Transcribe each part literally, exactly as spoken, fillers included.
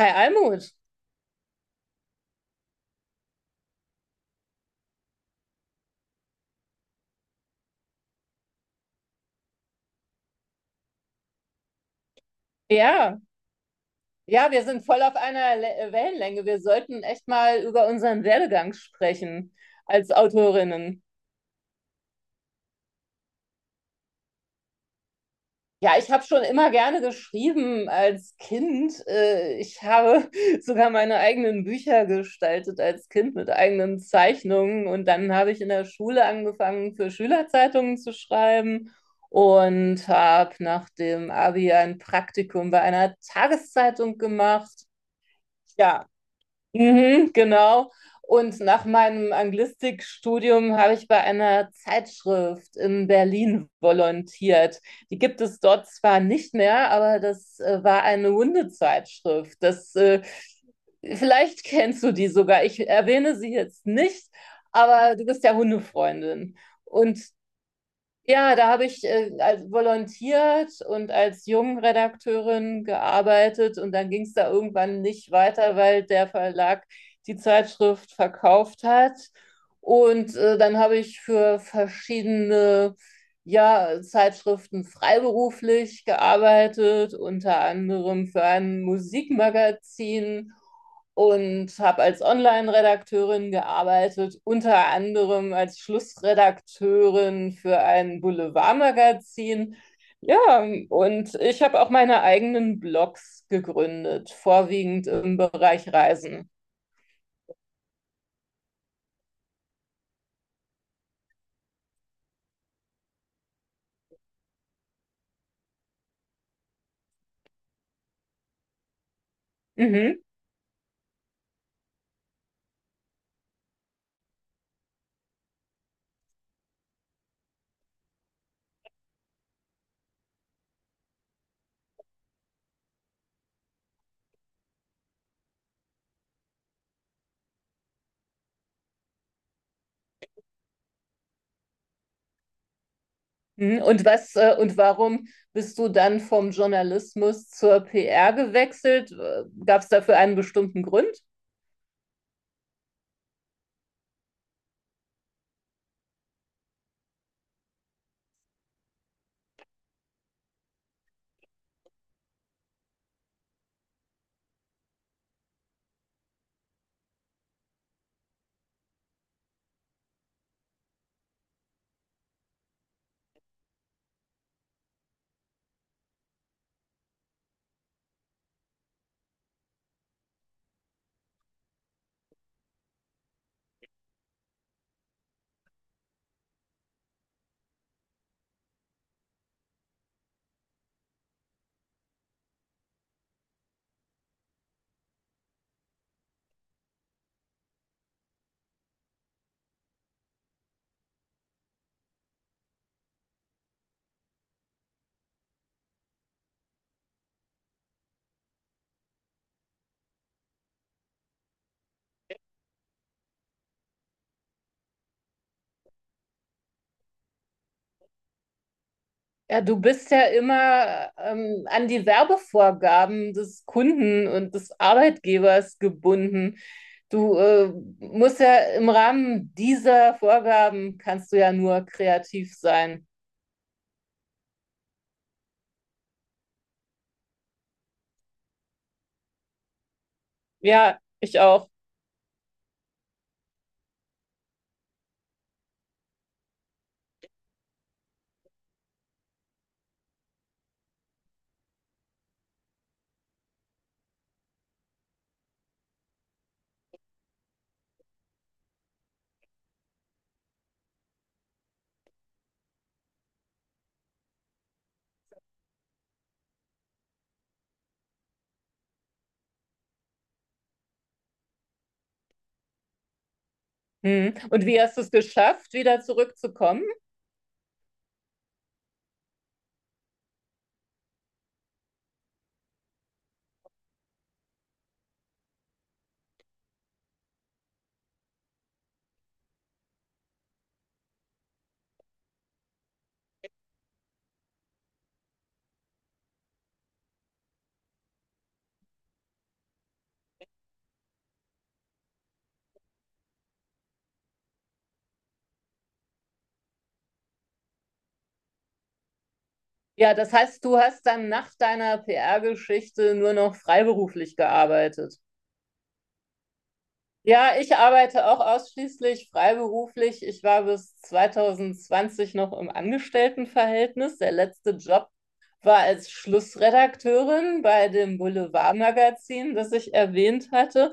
Hi Almut. ja, ja, Wir sind voll auf einer Le Wellenlänge. Wir sollten echt mal über unseren Werdegang sprechen als Autorinnen. Ja, ich habe schon immer gerne geschrieben als Kind. Äh, Ich habe sogar meine eigenen Bücher gestaltet als Kind mit eigenen Zeichnungen. Und dann habe ich in der Schule angefangen, für Schülerzeitungen zu schreiben und habe nach dem Abi ein Praktikum bei einer Tageszeitung gemacht. Ja, mhm, genau. Und nach meinem Anglistikstudium habe ich bei einer Zeitschrift in Berlin volontiert. Die gibt es dort zwar nicht mehr, aber das äh, war eine Hundezeitschrift. Das, äh, vielleicht kennst du die sogar. Ich erwähne sie jetzt nicht, aber du bist ja Hundefreundin. Und ja, da habe ich äh, als volontiert und als Jungredakteurin gearbeitet, und dann ging es da irgendwann nicht weiter, weil der Verlag die Zeitschrift verkauft hat. Und äh, dann habe ich für verschiedene ja, Zeitschriften freiberuflich gearbeitet, unter anderem für ein Musikmagazin, und habe als Online-Redakteurin gearbeitet, unter anderem als Schlussredakteurin für ein Boulevardmagazin. Ja, und ich habe auch meine eigenen Blogs gegründet, vorwiegend im Bereich Reisen. Mhm. mhm. Und was äh, und warum bist du dann vom Journalismus zur P R gewechselt? Gab es dafür einen bestimmten Grund? Ja, du bist ja immer ähm, an die Werbevorgaben des Kunden und des Arbeitgebers gebunden. Du äh, musst ja im Rahmen dieser Vorgaben kannst du ja nur kreativ sein. Ja, ich auch. Hm. Und wie hast du es geschafft, wieder zurückzukommen? Ja, das heißt, du hast dann nach deiner P R-Geschichte nur noch freiberuflich gearbeitet. Ja, ich arbeite auch ausschließlich freiberuflich. Ich war bis zwanzig zwanzig noch im Angestelltenverhältnis. Der letzte Job war als Schlussredakteurin bei dem Boulevardmagazin, das ich erwähnt hatte.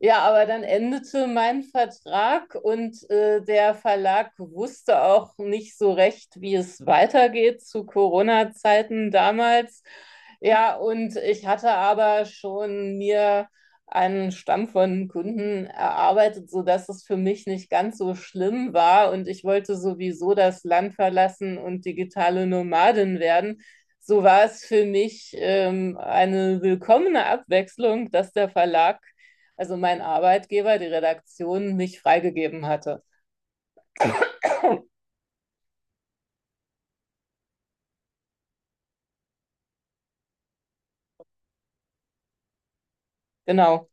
Ja, aber dann endete mein Vertrag und äh, der Verlag wusste auch nicht so recht, wie es weitergeht zu Corona-Zeiten damals. Ja, und ich hatte aber schon mir einen Stamm von Kunden erarbeitet, sodass es für mich nicht ganz so schlimm war. Und ich wollte sowieso das Land verlassen und digitale Nomadin werden, so war es für mich ähm, eine willkommene Abwechslung, dass der Verlag, also mein Arbeitgeber, die Redaktion, mich freigegeben hatte. Genau.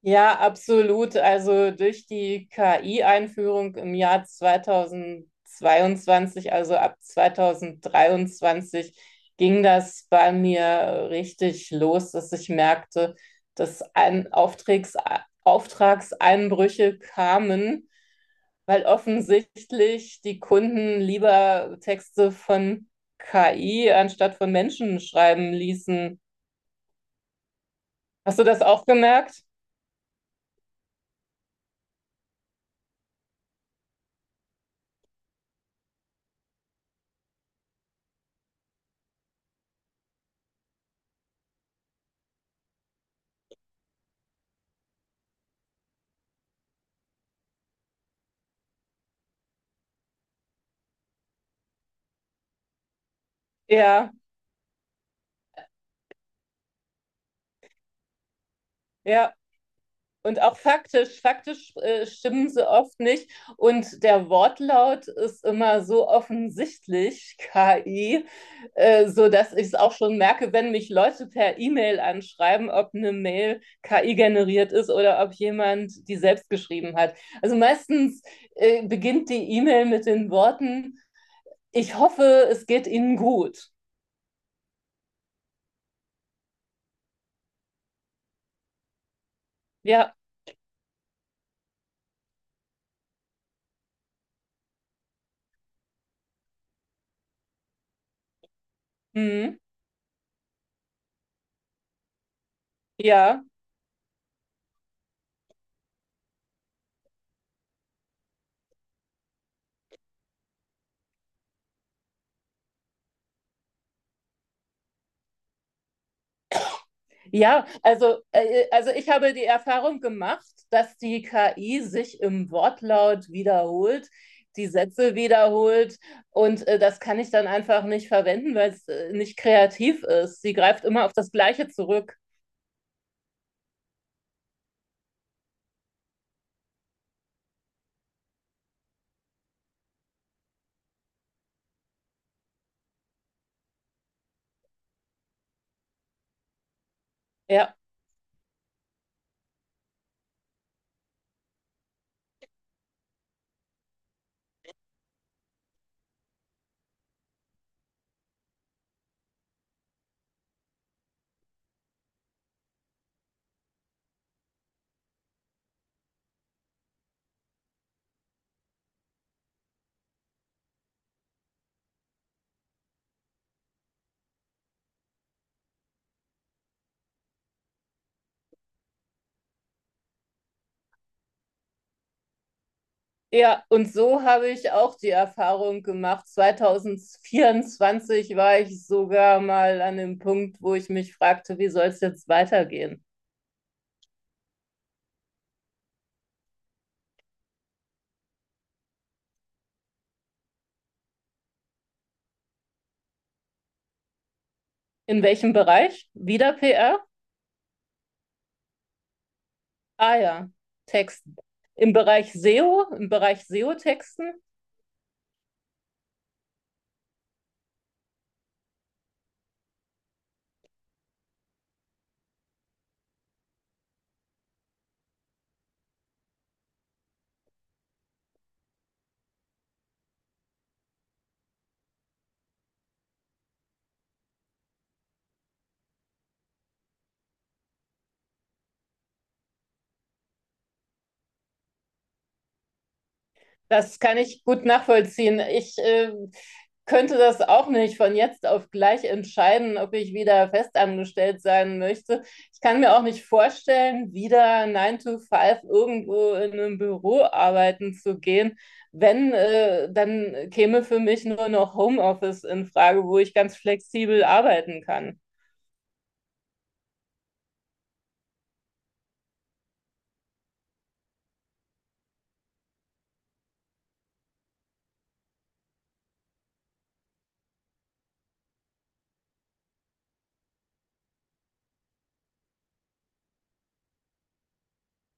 Ja, absolut. Also durch die K I-Einführung im Jahr zweitausendzweiundzwanzig, also ab zweitausenddreiundzwanzig, ging das bei mir richtig los, dass ich merkte, dass ein Auftrags Auftragseinbrüche kamen, weil offensichtlich die Kunden lieber Texte von K I anstatt von Menschen schreiben ließen. Hast du das auch gemerkt? Ja, ja. Und auch faktisch, faktisch äh, stimmen sie oft nicht. Und der Wortlaut ist immer so offensichtlich, K I, äh, sodass ich es auch schon merke, wenn mich Leute per E-Mail anschreiben, ob eine Mail K I generiert ist oder ob jemand die selbst geschrieben hat. Also meistens äh, beginnt die E-Mail mit den Worten: ich hoffe, es geht Ihnen gut. Ja, mhm, ja. Ja, also, äh, also ich habe die Erfahrung gemacht, dass die K I sich im Wortlaut wiederholt, die Sätze wiederholt, und äh, das kann ich dann einfach nicht verwenden, weil es äh, nicht kreativ ist. Sie greift immer auf das Gleiche zurück. Ja. Ja, und so habe ich auch die Erfahrung gemacht. zwanzig vierundzwanzig war ich sogar mal an dem Punkt, wo ich mich fragte, wie soll es jetzt weitergehen? In welchem Bereich? Wieder P R? Ah ja, Texten. Im Bereich S E O, im Bereich S E O-Texten, das kann ich gut nachvollziehen. Ich äh, könnte das auch nicht von jetzt auf gleich entscheiden, ob ich wieder festangestellt sein möchte. Ich kann mir auch nicht vorstellen, wieder nine to five irgendwo in einem Büro arbeiten zu gehen. Wenn, äh, dann käme für mich nur noch Homeoffice in Frage, wo ich ganz flexibel arbeiten kann.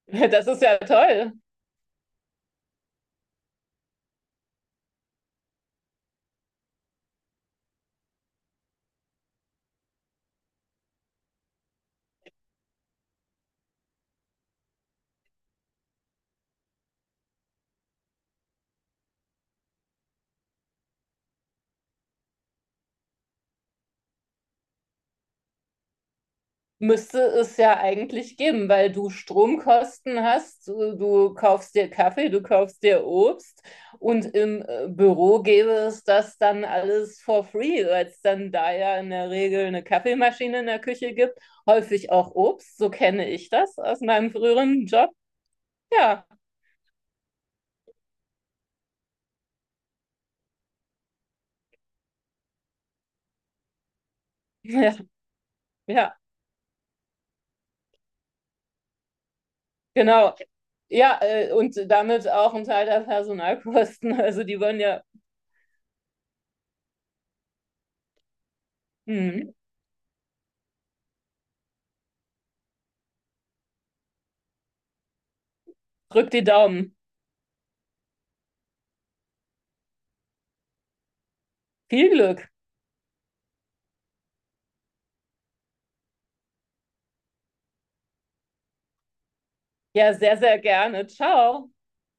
Das ist ja toll. Müsste es ja eigentlich geben, weil du Stromkosten hast, du, du kaufst dir Kaffee, du kaufst dir Obst, und im äh, Büro gäbe es das dann alles for free, weil es dann da ja in der Regel eine Kaffeemaschine in der Küche gibt, häufig auch Obst, so kenne ich das aus meinem früheren Job. Ja, ja, ja, genau. Ja, äh, und damit auch ein Teil der Personalkosten. Also die wollen ja, hm, drück die Daumen. Viel Glück. Ja, sehr, sehr gerne. Ciao.